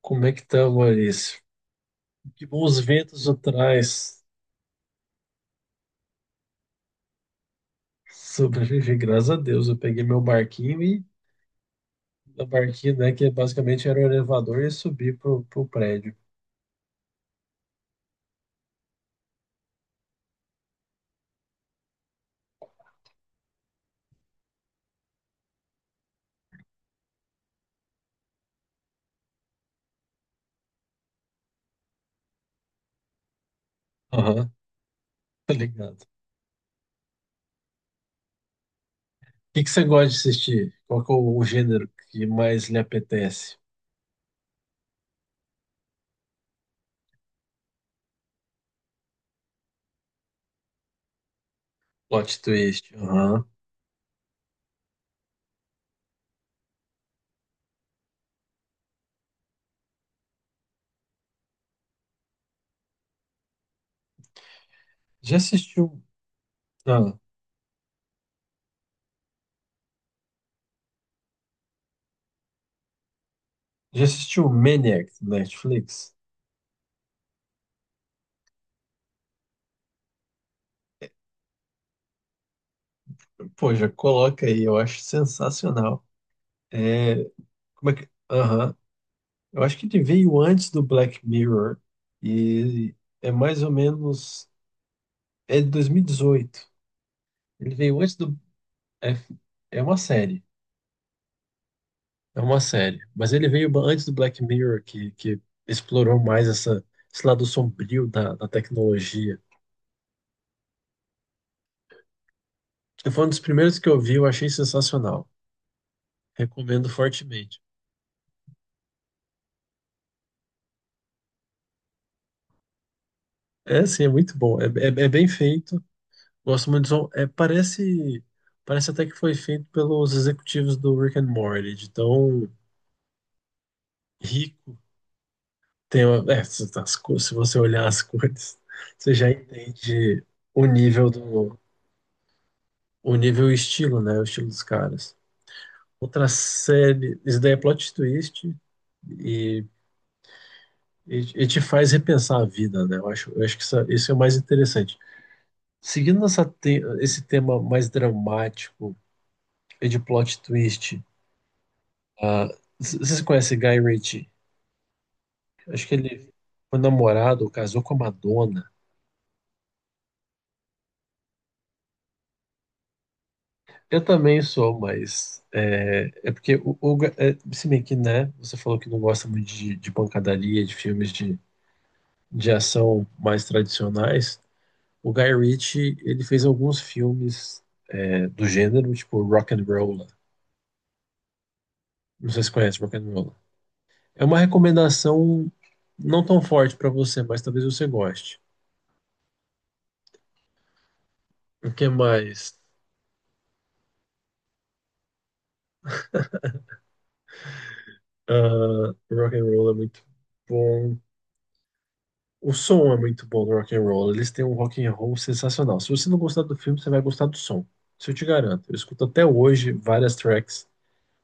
Como é que tá, Maurício? Que bons ventos atrás. Sobrevivi, graças a Deus. Eu peguei meu barquinho, né, que é basicamente era o elevador e subi pro prédio. Aham, tá ligado. O que que você gosta de assistir? Qual que é o gênero que mais lhe apetece? Plot twist. Aham. Já assistiu? Ah, já assistiu Maniac no Netflix? Pô, já coloca aí, eu acho sensacional. É, como é que. Aham. Eu acho que ele veio antes do Black Mirror e é mais ou menos. É de 2018. Ele veio antes do. É, é uma série. É uma série. Mas ele veio antes do Black Mirror, que explorou mais esse lado sombrio da tecnologia. Foi um dos primeiros que eu vi, eu achei sensacional. Recomendo fortemente. É, sim, é muito bom. É bem feito. Gosto muito do som. Parece até que foi feito pelos executivos do Rick and Morty, de tão rico, tem uma- é, se as cor- se você olhar as cores, você já entende o nível do, o nível e o estilo, né? O estilo dos caras. Outra série, isso daí é plot twist e, e, e te faz repensar a vida, né? Eu acho que isso é o mais interessante. Seguindo esse tema mais dramático e de plot twist, ah, vocês conhecem Guy Ritchie? Acho que ele foi namorado, casou com a Madonna. Eu também sou, mas é porque se bem que, né, você falou que não gosta muito de pancadaria, de filmes de ação mais tradicionais. O Guy Ritchie, ele fez alguns filmes é, do gênero, tipo Rock'n'Rolla. Não sei se conhece Rock'n'Rolla. É uma recomendação não tão forte pra você, mas talvez você goste. O que mais? Ah, Rock'n'Rolla é muito bom. O som é muito bom do rock and roll. Eles têm um rock and roll sensacional. Se você não gostar do filme, você vai gostar do som. Isso eu te garanto. Eu escuto até hoje várias tracks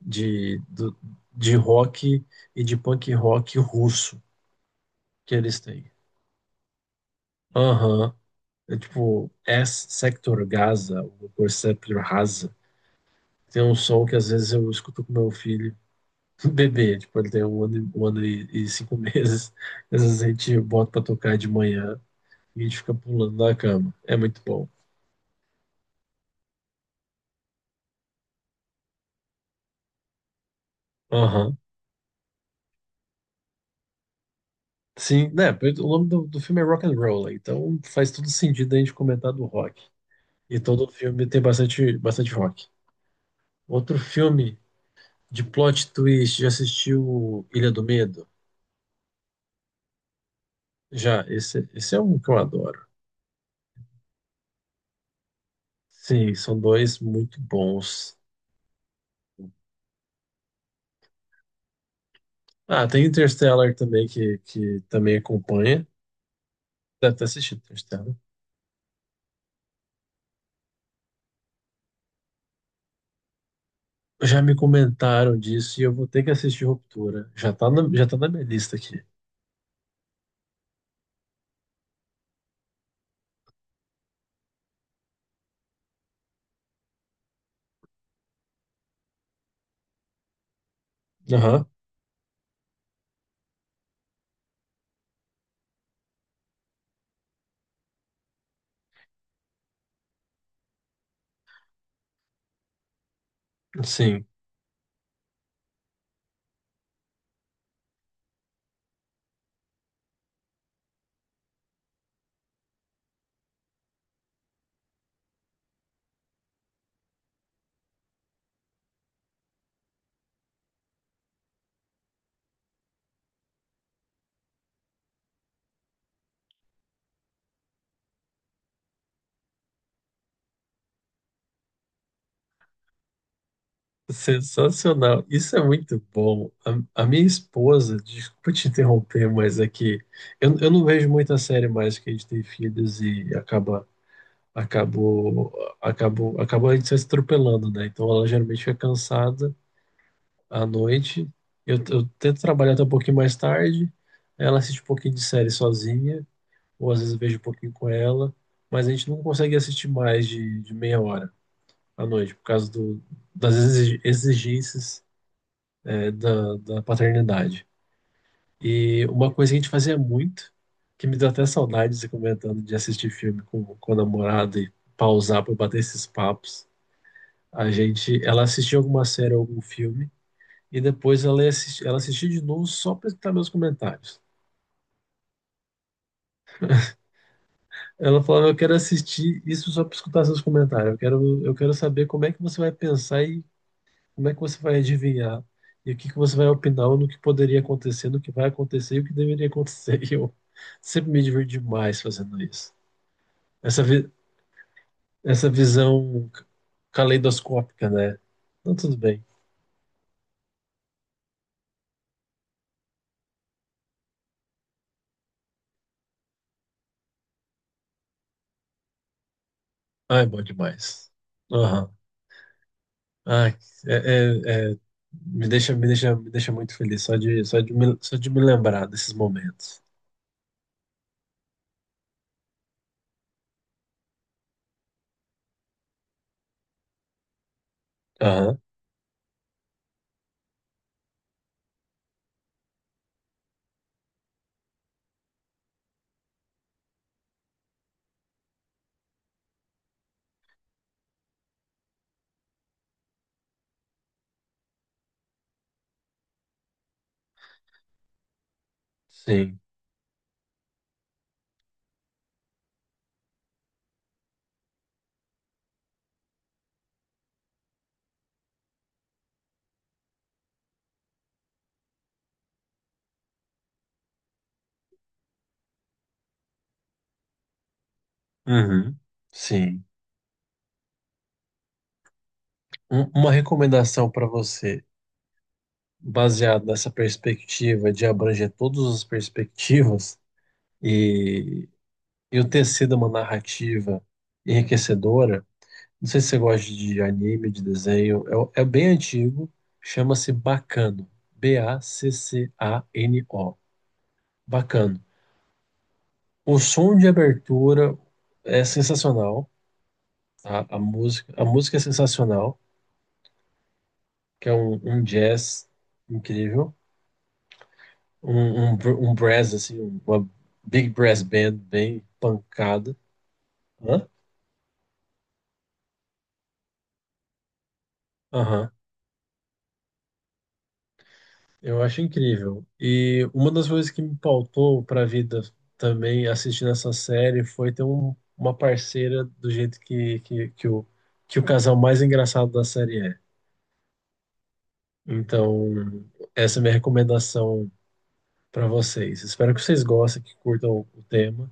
de, do- de rock e de punk rock russo que eles têm. Aham. É tipo S Sector Gaza, o Perceptor Rasa. Tem um som que às vezes eu escuto com meu filho bebê. Tipo, ele tem 1 ano, 1 ano e 5 meses. Às vezes a gente bota pra tocar de manhã e a gente fica pulando na cama. É muito bom. Aham. Sim, né? Pois o nome do filme é Rock and Roll, né, então faz todo sentido a gente comentar do rock. E todo filme tem bastante, bastante rock. Outro filme de plot twist, já assistiu Ilha do Medo? Já, esse é um que eu adoro. Sim, são dois muito bons. Ah, tem Interstellar também, que também acompanha. Deve ter assistido Interstellar. Já me comentaram disso e eu vou ter que assistir Ruptura. Já tá na minha lista aqui. Aham, sim. Sensacional. Isso é muito bom. A minha esposa, desculpa te interromper, mas é que eu não vejo muita série mais que a gente tem filhos e acabou, acabou a gente se atropelando, né? Então ela geralmente fica cansada à noite. Eu tento trabalhar até um pouquinho mais tarde. Ela assiste um pouquinho de série sozinha, ou às vezes eu vejo um pouquinho com ela, mas a gente não consegue assistir mais de meia hora à noite, por causa das exigências da paternidade. E uma coisa que a gente fazia muito, que me deu até saudade de você comentando de assistir filme com a namorada e pausar para bater esses papos. A gente, ela assistia alguma série ou algum filme e depois ela assistia de novo só para escutar meus comentários. Ela falava, eu quero assistir isso só para escutar seus comentários. Eu quero saber como é que você vai pensar e como é que você vai adivinhar? E o que que você vai opinar no que poderia acontecer, no que vai acontecer e o que deveria acontecer? E eu sempre me divirto demais fazendo isso. Essa, vi- essa visão caleidoscópica, né? Então, tudo bem. Ai, bom demais. Aham. Ai, é, é- é- me deixa muito feliz só de me lembrar desses momentos. Aham, sim. Uhum, sim. Uma recomendação para você. Baseado nessa perspectiva de abranger todas as perspectivas e, e o tecido uma narrativa enriquecedora. Não sei se você gosta de anime, de desenho, é bem antigo, chama-se Bacano, BACCANO, Bacano. O som de abertura é sensacional, tá? A música é sensacional, que é um jazz incrível. Um brass, assim, uma big brass band bem pancada. Hã? Aham. Eu acho incrível. E uma das coisas que me pautou para a vida também assistindo essa série foi ter uma parceira do jeito que o casal mais engraçado da série é. Então, essa é a minha recomendação para vocês. Espero que vocês gostem, que curtam o tema.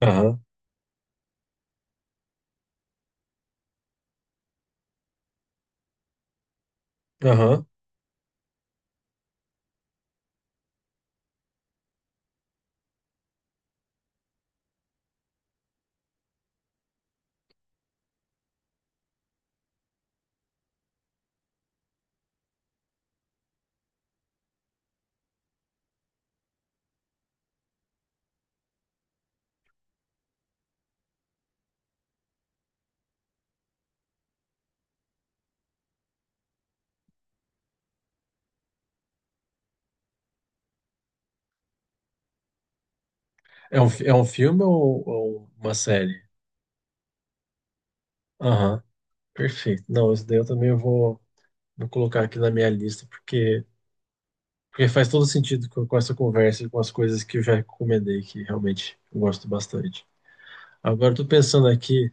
Aham, aham. É um filme ou uma série? Aham. Perfeito. Não, isso daí eu também vou colocar aqui na minha lista, porque faz todo sentido com essa conversa e com as coisas que eu já recomendei, que realmente eu gosto bastante. Agora, eu tô pensando aqui,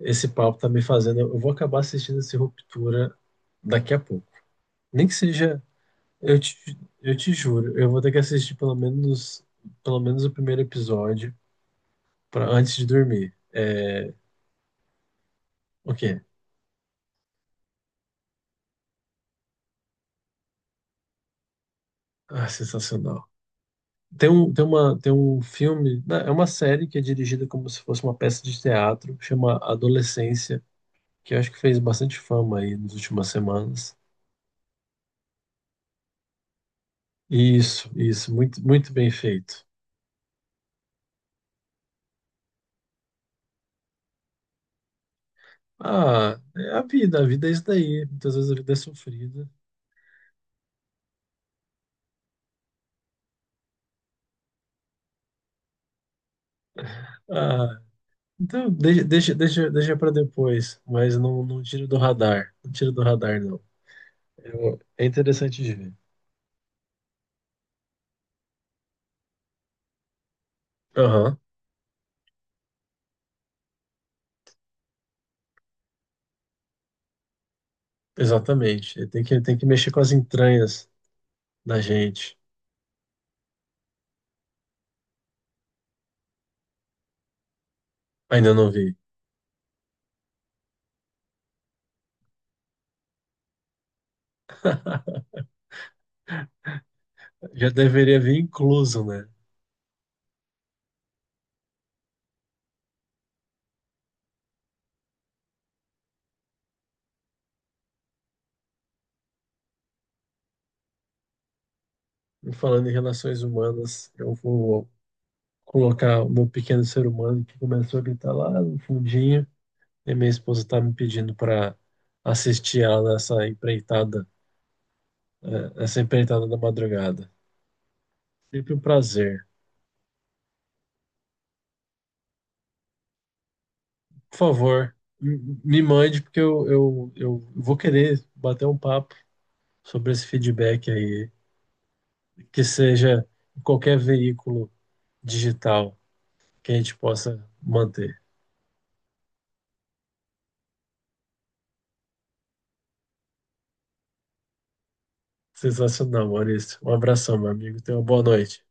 esse papo tá me fazendo, eu vou acabar assistindo esse Ruptura daqui a pouco. Nem que seja, eu te juro, eu vou ter que assistir pelo menos o primeiro episódio para antes de dormir. É, ok. Ah, sensacional. Tem um filme, né, é uma série que é dirigida como se fosse uma peça de teatro, chama Adolescência, que eu acho que fez bastante fama aí nas últimas semanas. Isso, muito, muito bem feito. Ah, é a vida é isso daí. Muitas vezes a vida é sofrida. Ah, então deixa, deixa, deixa, deixa para depois, mas não, não tira do radar. Não tira do radar, não. É interessante de ver. Aham, exatamente. Tem que mexer com as entranhas da gente. Ainda não vi. Já deveria vir incluso, né? E falando em relações humanas, eu vou colocar o meu pequeno ser humano que começou a gritar lá no fundinho, e minha esposa está me pedindo para assistir ela nessa empreitada, essa empreitada da madrugada. Sempre um prazer. Por favor, me mande, porque eu vou querer bater um papo sobre esse feedback aí, que seja em qualquer veículo digital que a gente possa manter. Sensacional, Maurício. Um abração, meu amigo. Tenha uma boa noite.